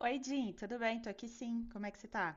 Oi, Jim, tudo bem? Tô aqui sim. Como é que você tá?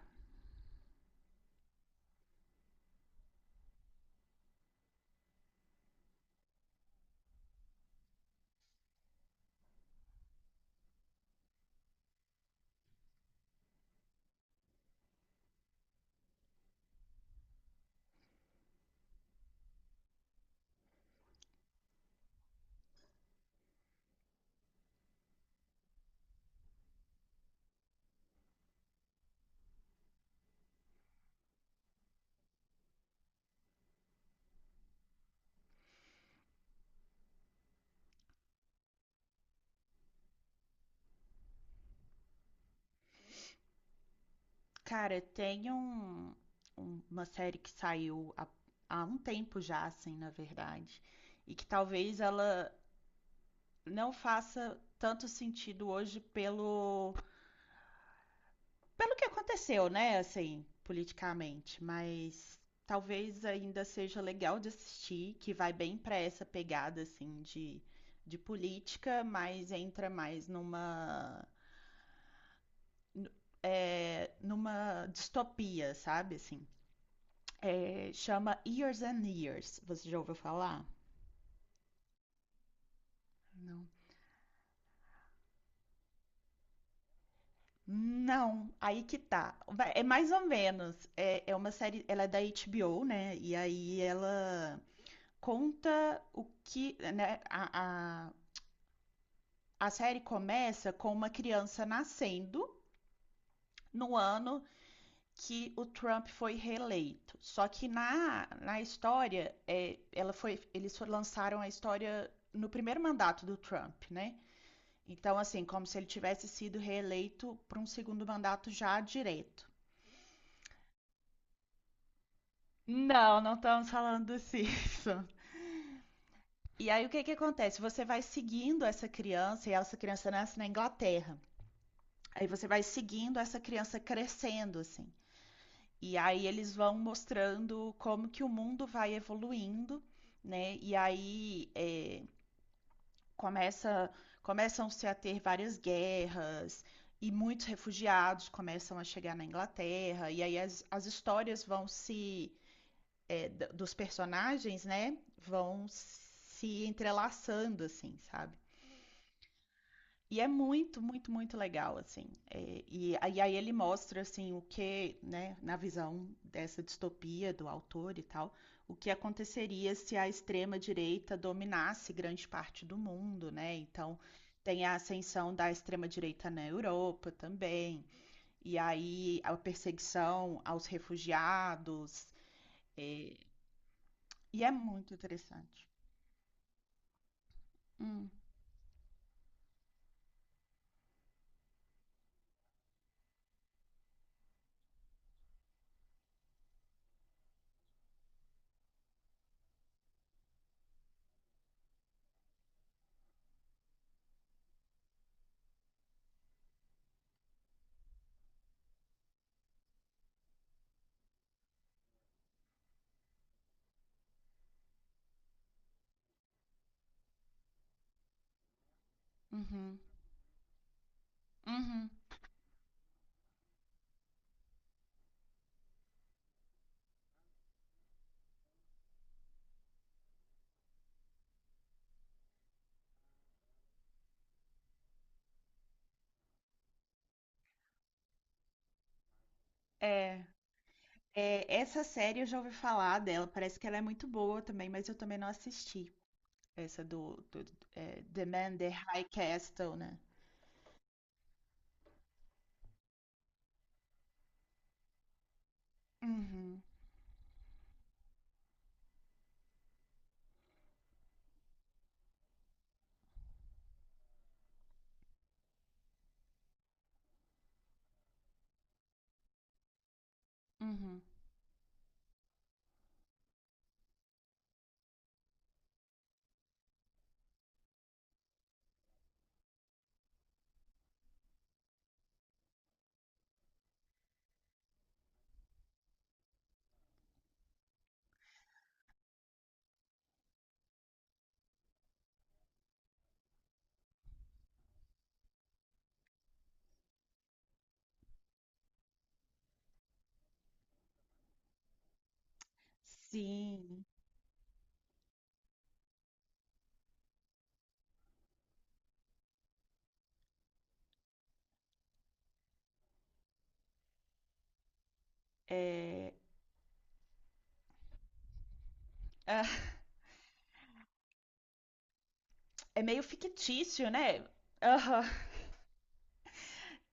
Cara, tem uma série que saiu há um tempo já, assim, na verdade, e que talvez ela não faça tanto sentido hoje pelo que aconteceu, né, assim, politicamente, mas talvez ainda seja legal de assistir, que vai bem pra essa pegada, assim, de política, mas entra mais n- numa distopia, sabe? Assim, é, chama Years and Years. Você já ouviu falar? Não. Não, aí que tá. É mais ou menos. É, é uma série, ela é da HBO, né? E aí ela conta o que, né? A série começa com uma criança nascendo no ano que o Trump foi reeleito. Só que na história, é, ela foi, eles lançaram a história no primeiro mandato do Trump, né? Então, assim, como se ele tivesse sido reeleito para um segundo mandato já direto. Não, não estamos falando disso. E aí, o que que acontece? Você vai seguindo essa criança, e essa criança nasce na Inglaterra. Aí você vai seguindo essa criança crescendo, assim. E aí eles vão mostrando como que o mundo vai evoluindo, né? E aí começa, começam-se a ter várias guerras e muitos refugiados começam a chegar na Inglaterra. E aí as histórias vão se dos personagens, né? Vão se entrelaçando, assim, sabe? E é muito, muito, muito legal, assim. É, e, aí ele mostra, assim, o que, né, na visão dessa distopia do autor e tal, o que aconteceria se a extrema-direita dominasse grande parte do mundo, né? Então, tem a ascensão da extrema-direita na Europa também, e aí a perseguição aos refugiados, é, e é muito interessante. Hum, uhum, uhum. É, É, essa série eu já ouvi falar dela, parece que ela é muito boa também, mas eu também não assisti. Essa do é, The Man, The High Castle, né? Uhum, uhum. Sim. É, ah, é meio fictício, né? Aham.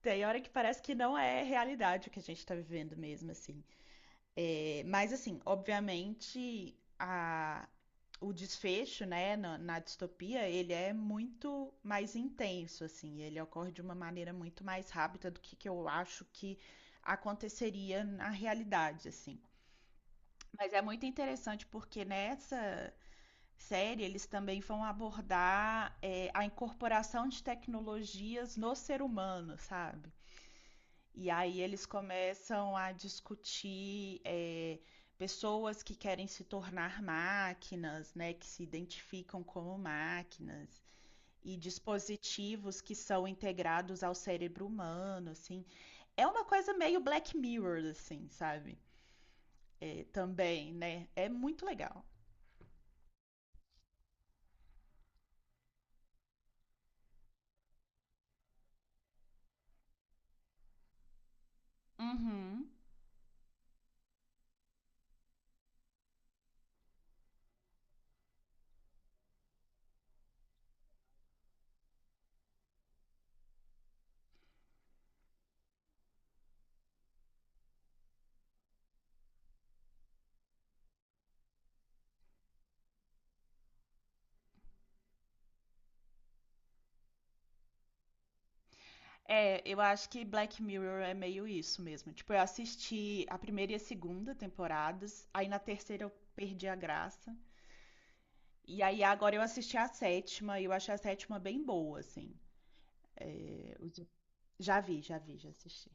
Tem hora que parece que não é realidade o que a gente tá vivendo mesmo, assim. É, mas, assim, obviamente, o desfecho, né, na distopia, ele é muito mais intenso, assim, ele ocorre de uma maneira muito mais rápida do que eu acho que aconteceria na realidade, assim. Mas é muito interessante porque nessa série eles também vão abordar é, a incorporação de tecnologias no ser humano, sabe? E aí eles começam a discutir é, pessoas que querem se tornar máquinas, né, que se identificam como máquinas, e dispositivos que são integrados ao cérebro humano, assim. É uma coisa meio Black Mirror, assim, sabe? É, também, né? É muito legal. Uhum. É, eu acho que Black Mirror é meio isso mesmo. Tipo, eu assisti a primeira e a segunda temporadas, aí na terceira eu perdi a graça. E aí agora eu assisti a sétima e eu achei a sétima bem boa, assim. Eu já vi, já vi, já assisti.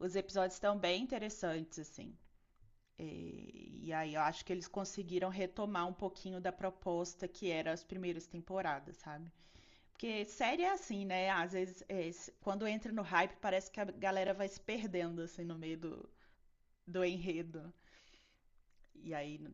Os episódios estão bem interessantes, assim. E aí eu acho que eles conseguiram retomar um pouquinho da proposta que era as primeiras temporadas, sabe? Porque série é assim, né? Às vezes, quando entra no hype, parece que a galera vai se perdendo, assim, no meio do enredo. E aí. n-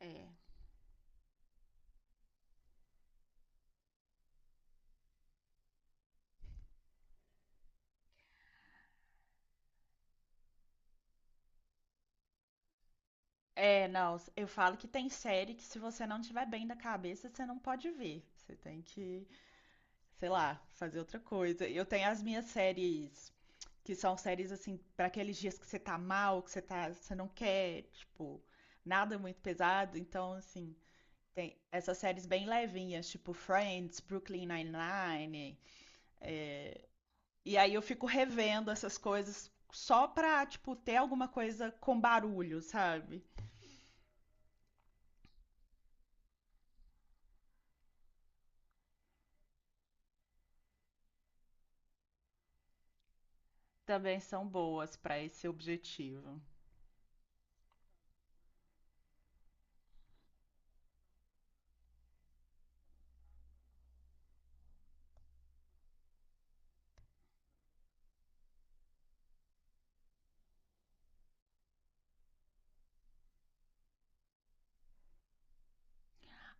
É. É, não, eu falo que tem série que se você não tiver bem da cabeça, você não pode ver. Você tem que sei lá, fazer outra coisa. Eu tenho as minhas séries, que são séries assim, para aqueles dias que você tá mal, que você tá, você não quer, tipo, nada muito pesado, então assim, tem essas séries bem levinhas, tipo Friends, Brooklyn Nine-Nine. E aí eu fico revendo essas coisas só pra, tipo, ter alguma coisa com barulho, sabe? Também são boas pra esse objetivo.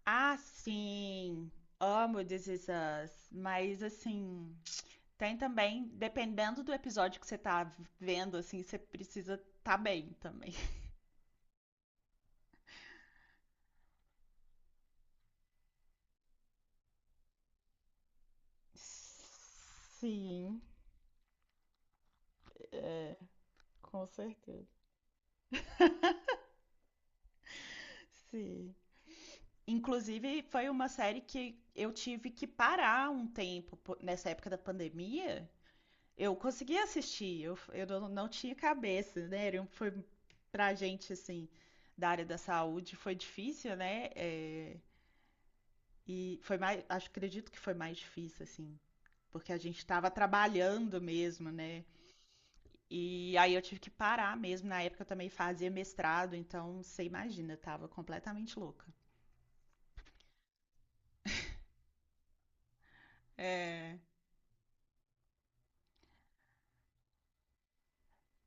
Ah, sim. Amo This Is Us, mas assim, tem também, dependendo do episódio que você tá vendo, assim, você precisa tá bem também. Sim, com certeza. Sim. Inclusive, foi uma série que eu tive que parar um tempo nessa época da pandemia. Eu consegui assistir, eu não tinha cabeça, né? Foi pra gente, assim, da área da saúde, foi difícil, né? É, e foi mais, acho, acredito que foi mais difícil, assim, porque a gente estava trabalhando mesmo, né? E aí eu tive que parar mesmo. Na época eu também fazia mestrado, então você imagina, eu tava completamente louca. É,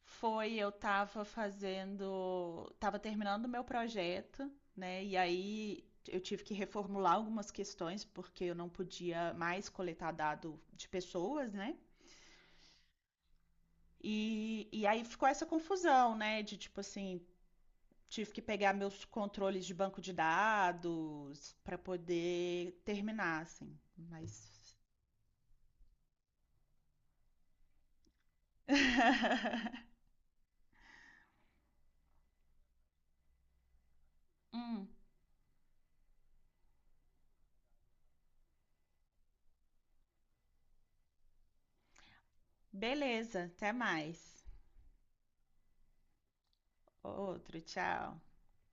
foi, eu tava fazendo, tava terminando o meu projeto, né? E aí eu tive que reformular algumas questões, porque eu não podia mais coletar dado de pessoas, né? E aí ficou essa confusão, né? De tipo assim, tive que pegar meus controles de banco de dados para poder terminar, assim. Mas. Hum, beleza, até mais. Outro, tchau.